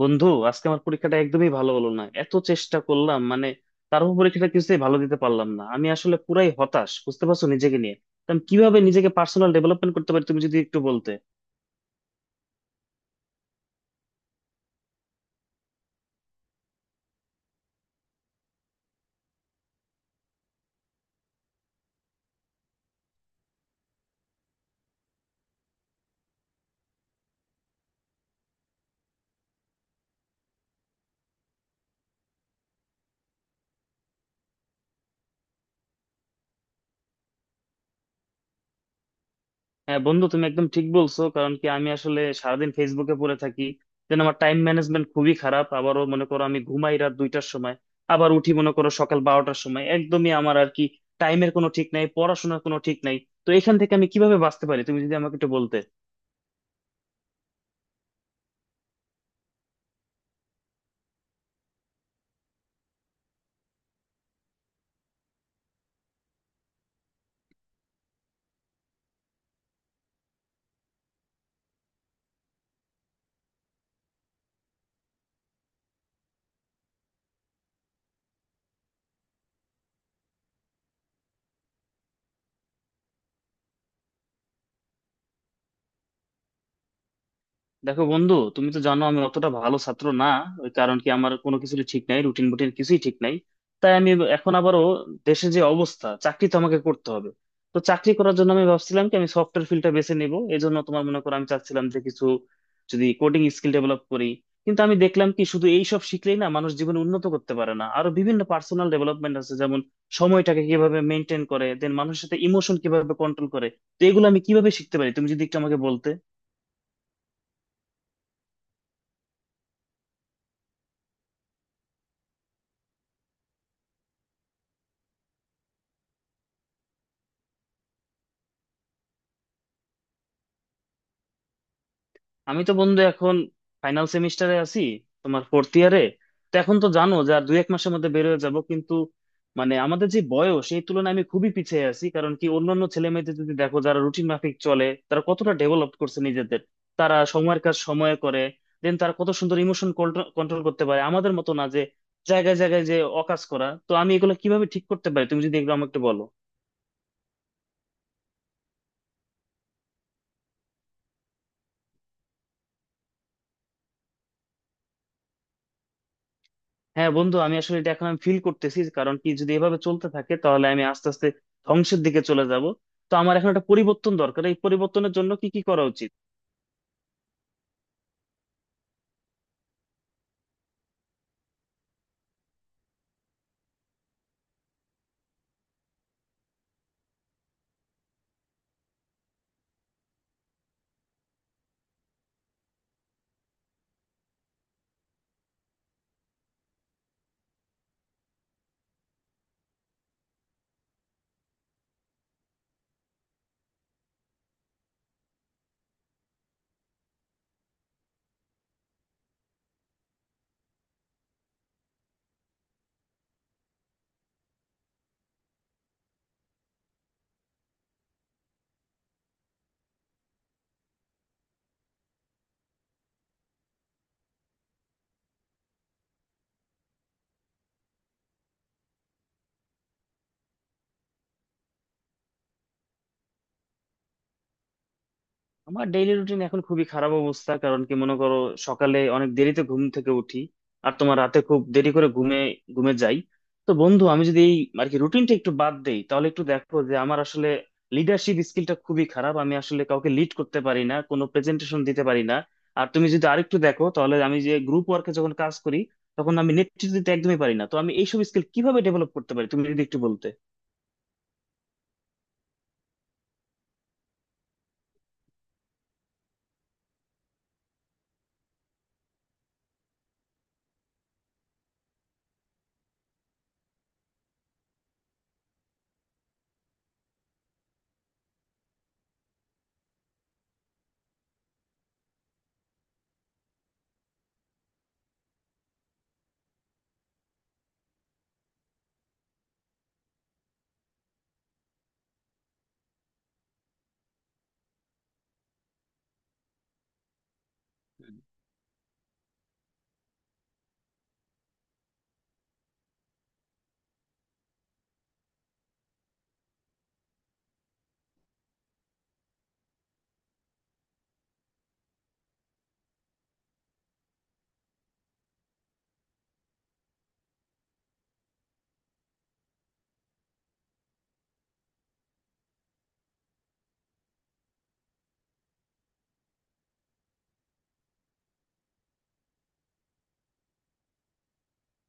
বন্ধু, আজকে আমার পরীক্ষাটা একদমই ভালো হলো না। এত চেষ্টা করলাম, মানে তারপর পরীক্ষাটা কিছুতেই ভালো দিতে পারলাম না। আমি আসলে পুরাই হতাশ, বুঝতে পারছো, নিজেকে নিয়ে। তো আমি কিভাবে নিজেকে পার্সোনাল ডেভেলপমেন্ট করতে পারি, তুমি যদি একটু বলতে। হ্যাঁ বন্ধু, তুমি একদম ঠিক বলছো। কারণ কি আমি আসলে সারাদিন ফেসবুকে পড়ে থাকি, যেন আমার টাইম ম্যানেজমেন্ট খুবই খারাপ। আবারও মনে করো, আমি ঘুমাই রাত 2টার সময়, আবার উঠি মনে করো সকাল 12টার সময়। একদমই আমার আর কি টাইমের কোনো ঠিক নাই, পড়াশোনার কোনো ঠিক নাই। তো এখান থেকে আমি কিভাবে বাঁচতে পারি, তুমি যদি আমাকে একটু বলতে। দেখো বন্ধু, তুমি তো জানো আমি অতটা ভালো ছাত্র না। ওই কারণ কি আমার কোনো কিছু ঠিক নাই, রুটিন বুটিন কিছুই ঠিক নাই। তাই আমি এখন আবারও দেশের যে অবস্থা, চাকরি তো আমাকে করতে হবে। তো চাকরি করার জন্য আমি ভাবছিলাম কি আমি সফটওয়্যার ফিল্ডটা বেছে নিব, এই জন্য তোমার মনে করো আমি চাচ্ছিলাম যে কিছু যদি কোডিং স্কিল ডেভেলপ করি। কিন্তু আমি দেখলাম কি শুধু এইসব শিখলেই না মানুষ জীবনে উন্নত করতে পারে না, আরো বিভিন্ন পার্সোনাল ডেভেলপমেন্ট আছে, যেমন সময়টাকে কিভাবে মেনটেন করে, দেন মানুষের সাথে ইমোশন কিভাবে কন্ট্রোল করে। তো এগুলো আমি কিভাবে শিখতে পারি, তুমি যদি একটু আমাকে বলতে। আমি তো বন্ধু এখন ফাইনাল সেমিস্টারে আছি, তোমার ফোর্থ ইয়ারে। তো এখন তো জানো যে আর দুই এক মাসের মধ্যে বের হয়ে যাব, কিন্তু মানে আমাদের যে বয়স সেই তুলনায় আমি খুবই পিছিয়ে আছি। কারণ কি অন্যান্য ছেলে মেয়েদের যদি দেখো যারা রুটিন মাফিক চলে, তারা কতটা ডেভেলপ করছে নিজেদের। তারা সময়ের কাজ সময়ে করে, দেন তারা কত সুন্দর ইমোশন কন্ট্রোল করতে পারে, আমাদের মতো না যে জায়গায় জায়গায় যে অকাজ করা। তো আমি এগুলো কিভাবে ঠিক করতে পারি, তুমি যদি এগুলো আমাকে একটু বলো। হ্যাঁ বন্ধু, আমি আসলে এটা এখন ফিল করতেছি, কারণ কি যদি এভাবে চলতে থাকে তাহলে আমি আস্তে আস্তে ধ্বংসের দিকে চলে যাব। তো আমার এখন একটা পরিবর্তন দরকার, এই পরিবর্তনের জন্য কি কি করা উচিত? আমার ডেইলি রুটিন এখন খুবই খারাপ অবস্থা, কারণ কি মনে করো সকালে অনেক দেরিতে ঘুম থেকে উঠি, আর তোমার রাতে খুব দেরি করে ঘুমে ঘুমে যাই। তো বন্ধু আমি যদি এই আর কি রুটিনটা একটু বাদ দেই, তাহলে একটু দেখো যে আমার আসলে লিডারশিপ স্কিলটা খুবই খারাপ। আমি আসলে কাউকে লিড করতে পারি না, কোনো প্রেজেন্টেশন দিতে পারি না। আর তুমি যদি আরেকটু দেখো তাহলে আমি যে গ্রুপ ওয়ার্কে যখন কাজ করি, তখন আমি নেতৃত্ব দিতে একদমই পারি না। তো আমি এইসব স্কিল কিভাবে ডেভেলপ করতে পারি, তুমি যদি একটু বলতে।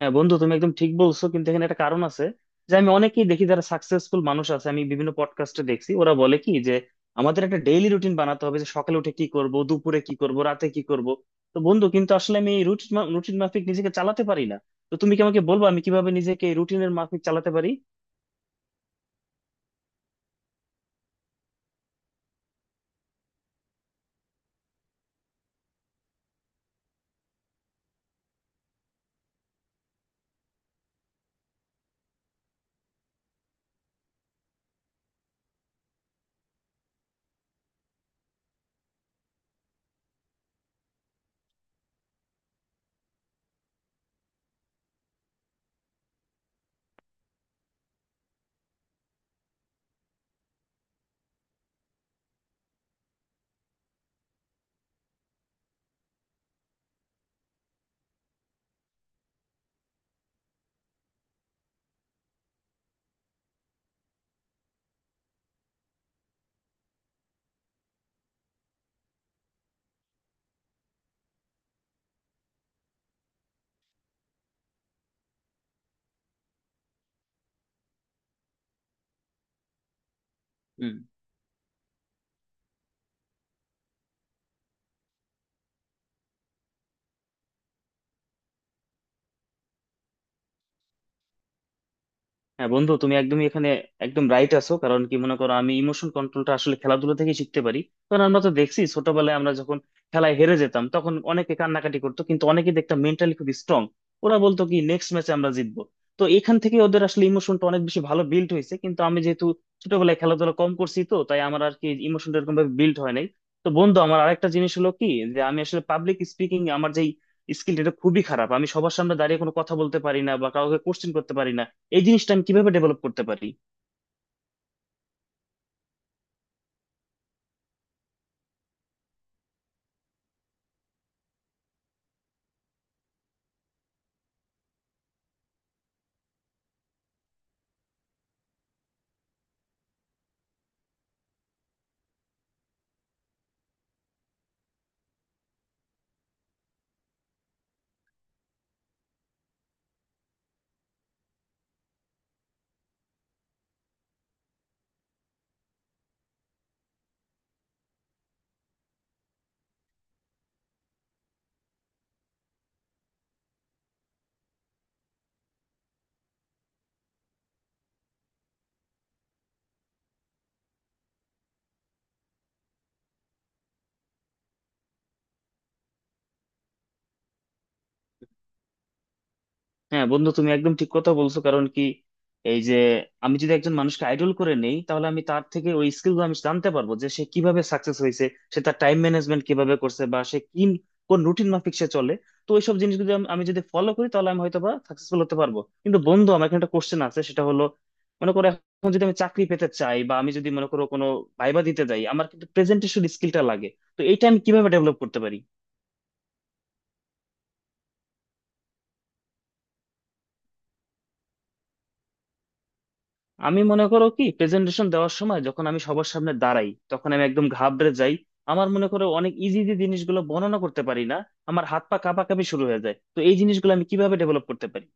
হ্যাঁ বন্ধু, তুমি একদম ঠিক বলছো, কিন্তু এখানে একটা কারণ আছে যে আমি অনেকেই দেখি যারা সাকসেসফুল মানুষ আছে। আমি বিভিন্ন পডকাস্টে দেখছি ওরা বলে কি যে আমাদের একটা ডেইলি রুটিন বানাতে হবে, যে সকালে উঠে কি করব, দুপুরে কি করব, রাতে কি করব। তো বন্ধু কিন্তু আসলে আমি এই রুটিন রুটিন মাফিক নিজেকে চালাতে পারি না। তো তুমি কি আমাকে বলবো আমি কিভাবে নিজেকে রুটিনের মাফিক চালাতে পারি? হ্যাঁ বন্ধু, তুমি একদমই এখানে একদম রাইট আছো। কারণ কি মনে করো আমি ইমোশন কন্ট্রোলটা আসলে খেলাধুলা থেকে শিখতে পারি, কারণ আমরা তো দেখছি ছোটবেলায় আমরা যখন খেলায় হেরে যেতাম তখন অনেকে কান্নাকাটি করতো, কিন্তু অনেকে দেখতাম মেন্টালি খুব স্ট্রং। ওরা বলতো কি নেক্সট ম্যাচে আমরা জিতবো। তো এখান থেকে ওদের আসলে ইমোশনটা অনেক বেশি ভালো বিল্ড হয়েছে, কিন্তু আমি যেহেতু ছোটবেলায় খেলাধুলা কম করছি তো তাই আমার আর কি ইমোশনটা এরকম ভাবে বিল্ড হয় নাই। তো বন্ধু আমার আরেকটা জিনিস হলো কি, যে আমি আসলে পাবলিক স্পিকিং আমার যেই স্কিল এটা খুবই খারাপ। আমি সবার সামনে দাঁড়িয়ে কোনো কথা বলতে পারি না, বা কাউকে কোশ্চেন করতে পারি না। এই জিনিসটা আমি কিভাবে ডেভেলপ করতে পারি? হ্যাঁ বন্ধু, তুমি একদম ঠিক কথা বলছো। কারণ কি এই যে আমি যদি একজন মানুষকে আইডল করে নেই, তাহলে আমি তার থেকে ওই স্কিল গুলো আমি জানতে পারবো, যে সে কিভাবে সাকসেস হয়েছে, সে তার টাইম ম্যানেজমেন্ট কিভাবে করছে, বা সে কি কোন রুটিন মাফিক সে চলে। তো ওইসব জিনিস যদি আমি আমি যদি ফলো করি তাহলে আমি হয়তো বা সাকসেসফুল হতে পারবো। কিন্তু বন্ধু আমার এখানে একটা কোশ্চেন আছে সেটা হলো, মনে করো এখন যদি আমি চাকরি পেতে চাই, বা আমি যদি মনে করো কোনো ভাইবা দিতে যাই, আমার কিন্তু প্রেজেন্টেশন স্কিলটা লাগে। তো এইটা আমি কিভাবে ডেভেলপ করতে পারি? আমি মনে করো কি প্রেজেন্টেশন দেওয়ার সময় যখন আমি সবার সামনে দাঁড়াই তখন আমি একদম ঘাবড়ে যাই। আমার মনে করো অনেক ইজি ইজি জিনিসগুলো বর্ণনা করতে পারি না, আমার হাত পা কাঁপাকাঁপি শুরু হয়ে যায়। তো এই জিনিসগুলো আমি কিভাবে ডেভেলপ করতে পারি?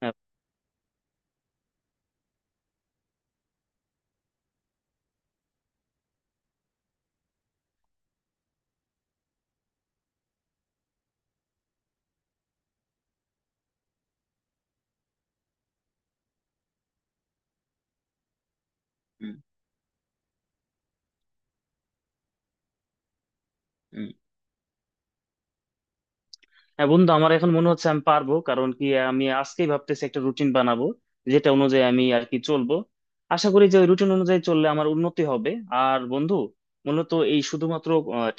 হ্যাঁ। হুম, হুম। হ্যাঁ বন্ধু, আমার এখন মনে হচ্ছে আমি পারবো, কারণ কি আমি আজকেই ভাবতেছি একটা রুটিন বানাবো যেটা অনুযায়ী আমি আর কি চলবো। আশা করি যে ওই রুটিন অনুযায়ী চললে আমার উন্নতি হবে। আর বন্ধু, মূলত এই শুধুমাত্র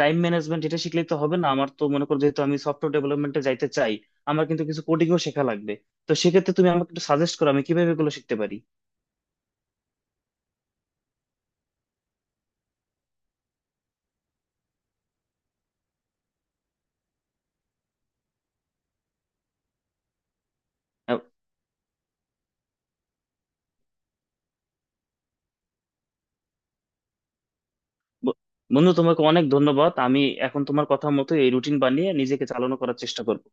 টাইম ম্যানেজমেন্ট এটা শিখলেই তো হবে না, আমার তো মনে করো যেহেতু আমি সফটওয়্যার ডেভেলপমেন্টে যাইতে চাই, আমার কিন্তু কিছু কোডিংও শেখা লাগবে। তো সেক্ষেত্রে তুমি আমাকে একটু সাজেস্ট করো আমি কিভাবে এগুলো শিখতে পারি। আহ, ব- বন্ধু তোমাকে অনেক ধন্যবাদ, আমি এখন তোমার কথা মতো এই রুটিন বানিয়ে নিজেকে চালানো করার চেষ্টা করবো।